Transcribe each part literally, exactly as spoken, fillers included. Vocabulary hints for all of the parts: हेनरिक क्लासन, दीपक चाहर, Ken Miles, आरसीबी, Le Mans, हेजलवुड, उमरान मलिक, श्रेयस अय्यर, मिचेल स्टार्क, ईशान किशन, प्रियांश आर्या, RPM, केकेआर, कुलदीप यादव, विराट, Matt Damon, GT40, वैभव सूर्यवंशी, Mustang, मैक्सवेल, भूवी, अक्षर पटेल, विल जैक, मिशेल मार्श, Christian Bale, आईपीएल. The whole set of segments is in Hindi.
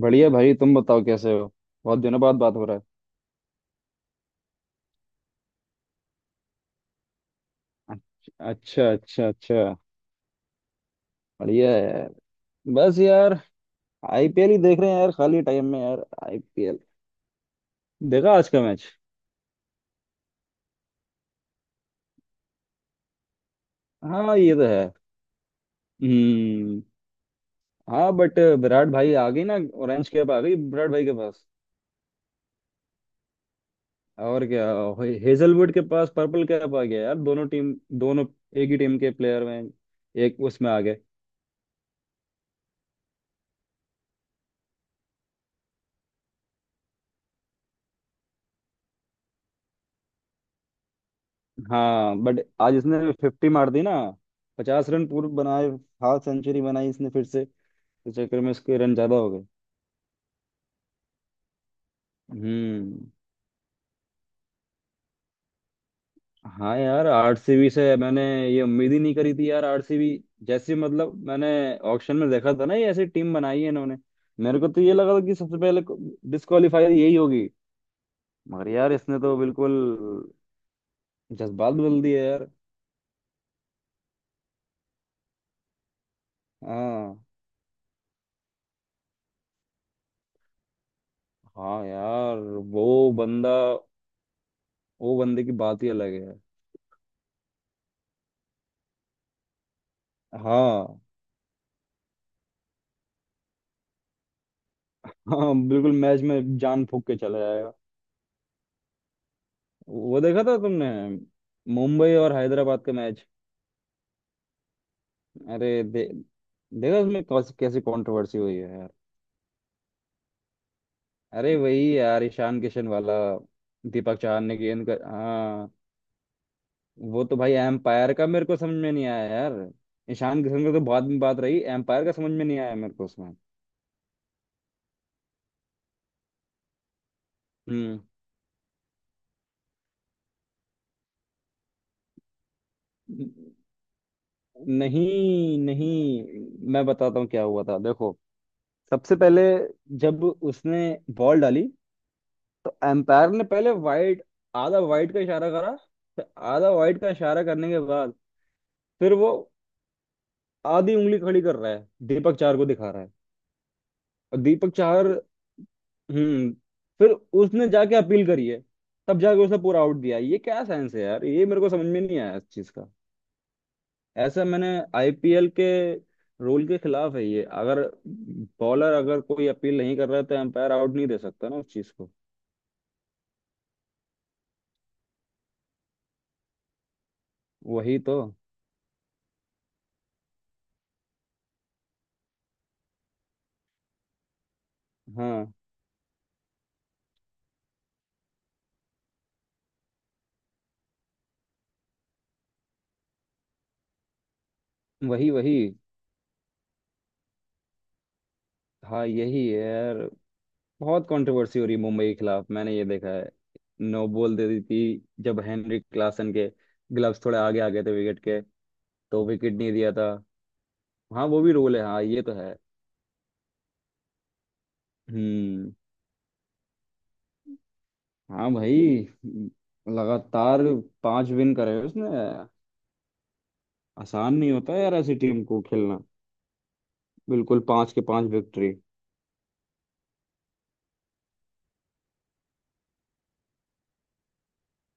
बढ़िया भाई तुम बताओ कैसे हो। बहुत दिनों बाद बात हो रहा है। अच्छा अच्छा अच्छा। बढ़िया है यार। बस यार। आईपीएल ही देख रहे हैं यार खाली टाइम में यार आईपीएल। देखा आज का मैच। हाँ ये तो है। हम्म। हाँ बट विराट भाई आ गई ना। ऑरेंज कैप आ गई विराट भाई के पास। और क्या। हे- हेजलवुड के पास पर्पल कैप आ गया यार दोनों टीम। दोनों। एक ही टीम के प्लेयर में। एक उसमें आ गए। हाँ बट आज इसने फिफ्टी मार दी ना। पचास रन पूर्व बनाए। हाफ सेंचुरी बनाई इसने फिर से। इस चक्कर में इसके रन ज्यादा हो गए। हम्म। हाँ यार आरसीबी से मैंने ये उम्मीद ही नहीं करी थी यार। आरसीबी जैसी मतलब मैंने ऑक्शन में देखा था ना, ये ऐसी टीम बनाई है इन्होंने। मेरे को तो ये लगा था कि सबसे पहले डिस्क्वालीफाई यही होगी। मगर यार इसने तो बिल्कुल जज्बात बदल दिया यार। हाँ, हाँ यार वो बंदा वो बंदे की बात ही अलग है। हाँ हाँ बिल्कुल मैच में जान फूक के चला जाए। वो देखा था तुमने मुंबई और हैदराबाद का मैच। अरे दे, देखा उसमें कौस- कैसी कंट्रोवर्सी हुई है। अरे वही यार ईशान किशन वाला। दीपक चाहर ने गेंद कर हाँ। वो तो भाई एम्पायर का मेरे को समझ में नहीं आया यार। ईशान किशन का तो बाद में बात रही, एम्पायर का समझ में नहीं आया मेरे को उसमें। हम्म। नहीं नहीं मैं बताता हूँ क्या हुआ था देखो। सबसे पहले जब उसने बॉल डाली तो एम्पायर ने पहले वाइड, आधा वाइड का इशारा करा। फिर आधा वाइड का इशारा करने के बाद फिर वो आधी उंगली खड़ी कर रहा है, दीपक चार को दिखा रहा है। और दीपक चार। हम्म। फिर उसने जाके अपील करी है। तब जाके उसने पूरा आउट दिया। ये क्या साइंस है यार, ये मेरे को समझ में नहीं आया इस चीज का। ऐसा मैंने आईपीएल के रूल के खिलाफ है ये। अगर बॉलर अगर कोई अपील नहीं कर रहा है तो एम्पायर आउट नहीं दे सकता ना उस चीज को। वही तो। हाँ वही वही। हाँ यही है यार, बहुत कंट्रोवर्सी हो रही है मुंबई के खिलाफ मैंने ये देखा है। नो बॉल दे दी थी जब हेनरिक क्लासन के ग्लव्स थोड़े आगे आ गए थे विकेट के, तो विकेट नहीं दिया था। हाँ वो भी रोल है, हाँ ये तो है। हम्म। हाँ भाई लगातार पांच विन करे हैं उसने। आसान नहीं होता यार ऐसी टीम को खेलना। बिल्कुल पांच के पांच विक्ट्री।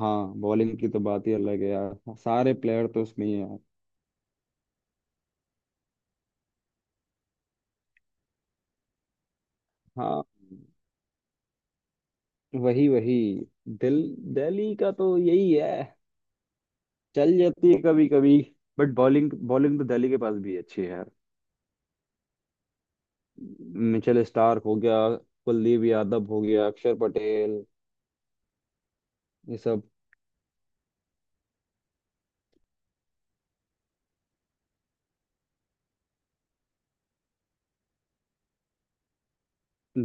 हाँ बॉलिंग की तो बात ही अलग है यार, सारे प्लेयर तो उसमें ही है। हाँ वही वही। दिल दिल्ली का तो यही है। चल जाती है कभी कभी। बट बॉलिंग बॉलिंग तो दिल्ली के पास भी अच्छी है यार। मिचेल स्टार्क हो गया, कुलदीप यादव हो गया, अक्षर पटेल। ये सब।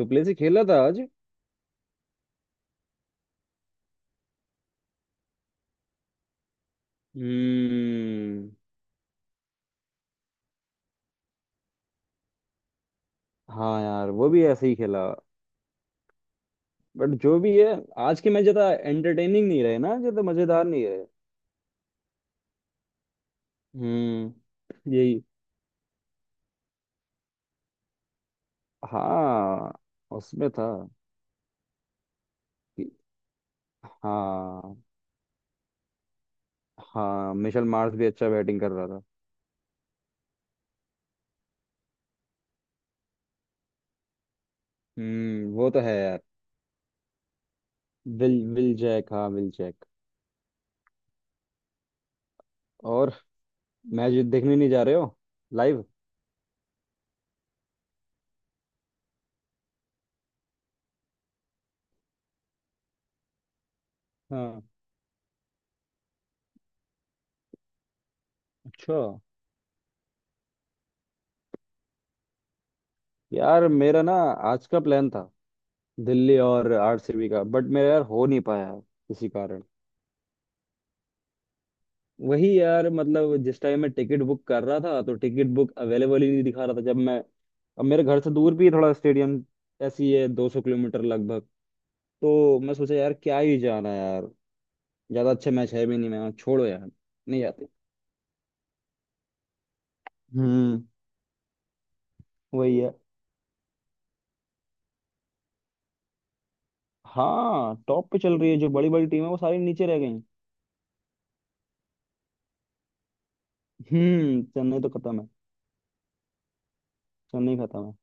डुप्लेसी खेला था आज। हम्म। हाँ यार वो भी ऐसे ही खेला, बट जो भी है। आज के मैच ज्यादा एंटरटेनिंग नहीं रहे ना, ज्यादा मजेदार नहीं रहे। हम्म यही। हाँ उसमें था कि- हाँ। हाँ मिशेल मार्श भी अच्छा बैटिंग कर रहा था। हम्म वो तो है यार। विल विल जैक, हाँ विल जैक। और मैच देखने नहीं जा रहे हो लाइव। हाँ। अच्छा। यार मेरा ना आज का प्लान था, दिल्ली और आरसीबी का, बट मेरा यार हो नहीं पाया किसी कारण। वही यार मतलब जिस टाइम मैं टिकट बुक कर रहा था तो टिकट बुक अवेलेबल ही नहीं दिखा रहा था, जब मैं। अब मेरे घर से दूर भी थोड़ा स्टेडियम ऐसी ही है, दो सौ किलोमीटर लगभग। तो मैं सोचा यार क्या ही जाना यार। ज्यादा अच्छा मैच है भी नहीं, मैं छोड़ो यार, नहीं जाते। हम्म। वही है। हाँ टॉप पे चल रही है, जो बड़ी बड़ी टीम है वो सारी नीचे रह गई। हम्म चेन्नई तो खत्म है। चेन्नई खत्म है।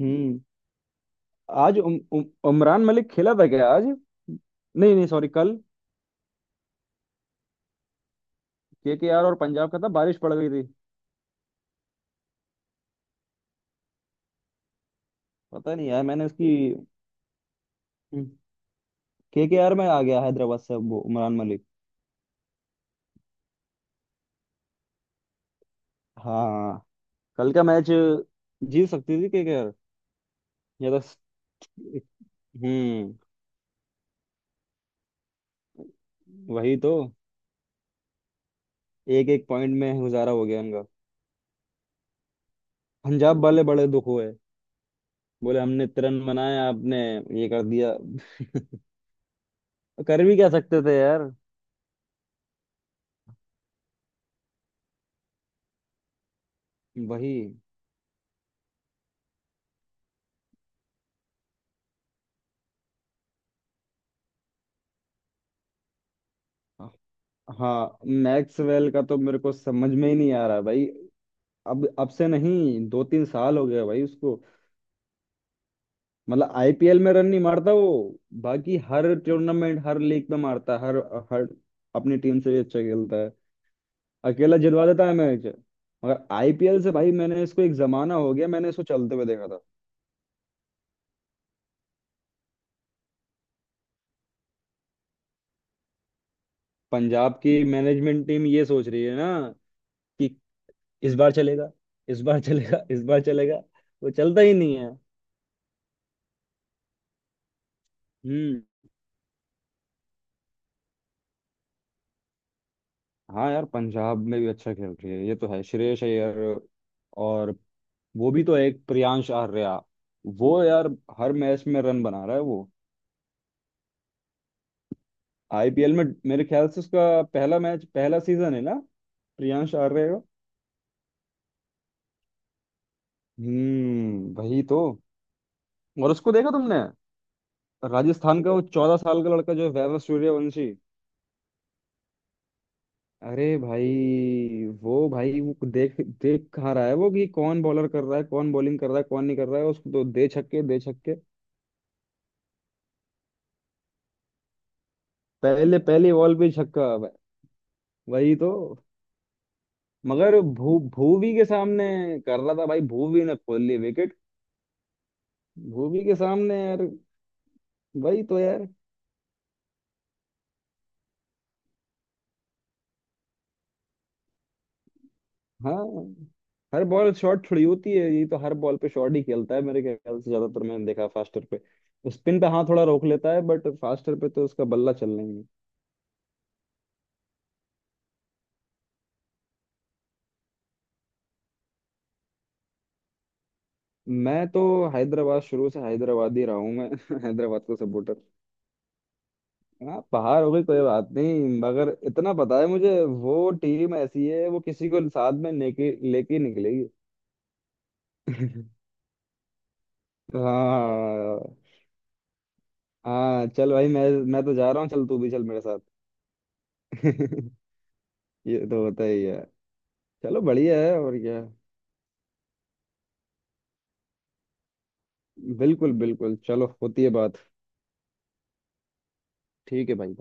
हम्म। आज उम, उम, उमरान मलिक खेला था क्या आज, नहीं नहीं सॉरी कल, केकेआर और पंजाब का था, बारिश पड़ गई थी। पता नहीं यार मैंने उसकी। हम्म, केकेआर में आ गया हैदराबाद से अब वो उमरान मलिक। हाँ कल का मैच जीत सकती थी केकेआर। या तो। हम्म। वही तो। एक एक पॉइंट में गुजारा हो गया इनका। पंजाब वाले बड़े दुख हुए। बोले हमने तिरन बनाया, आपने ये कर दिया। कर भी क्या सकते थे यार वही। हाँ मैक्सवेल का तो मेरे को समझ में ही नहीं आ रहा भाई। अब अब से नहीं, दो तीन साल हो गया भाई उसको। मतलब आईपीएल में रन नहीं मारता वो। बाकी हर टूर्नामेंट हर लीग में मारता है, हर हर अपनी टीम से भी अच्छा खेलता है। अकेला जितवा देता है मैच। मगर आईपीएल से भाई मैंने इसको एक जमाना हो गया मैंने इसको चलते हुए देखा था। पंजाब की मैनेजमेंट टीम ये सोच रही है ना कि इस बार चलेगा, इस बार चलेगा, इस बार चलेगा। वो चलता ही नहीं है। हम्म। हाँ यार पंजाब में भी अच्छा खेल रही है, ये तो है श्रेयस अय्यर। और वो भी तो एक प्रियांश आर्या, वो यार हर मैच में रन बना रहा है वो। आईपीएल में मेरे ख्याल से उसका पहला मैच, पहला सीजन है ना प्रियांश आर्या का। हम्म वही तो। और उसको देखा तुमने, राजस्थान का वो चौदह साल का लड़का जो है, वैभव सूर्यवंशी। अरे भाई वो, भाई वो देख देख कहाँ रहा है वो कि कौन बॉलर कर रहा है, कौन बॉलिंग कर रहा है, कौन नहीं कर रहा है, उसको तो दे छक्के दे छक्के। पहले पहली बॉल पे ही छक्का। व- वही तो। मगर भू भूवी के सामने कर रहा था भाई, भूवी ने खोल ली विकेट। भूवी के सामने यार वही तो यार। हाँ हर बॉल शॉट थोड़ी होती है, ये तो हर बॉल पे शॉट ही खेलता है मेरे ख्याल से, ज्यादातर मैंने देखा फास्टर पे। स्पिन पे हाँ थोड़ा रोक लेता है, बट फास्टर पे तो उसका बल्ला चल नहीं। मैं तो हैदराबाद, शुरू से हैदराबाद ही रहा हूँ मैं हैदराबाद को सपोर्टर। हाँ बाहर हो गई कोई बात नहीं, मगर इतना पता है मुझे वो टीम ऐसी है, वो किसी को साथ में लेके लेके निकलेगी। हाँ हाँ चल भाई मैं मैं तो जा रहा हूँ, चल तू भी चल मेरे साथ ये तो होता ही है। चलो बढ़िया है, और क्या। बिल्कुल बिल्कुल, चलो होती है बात। ठीक है भाई।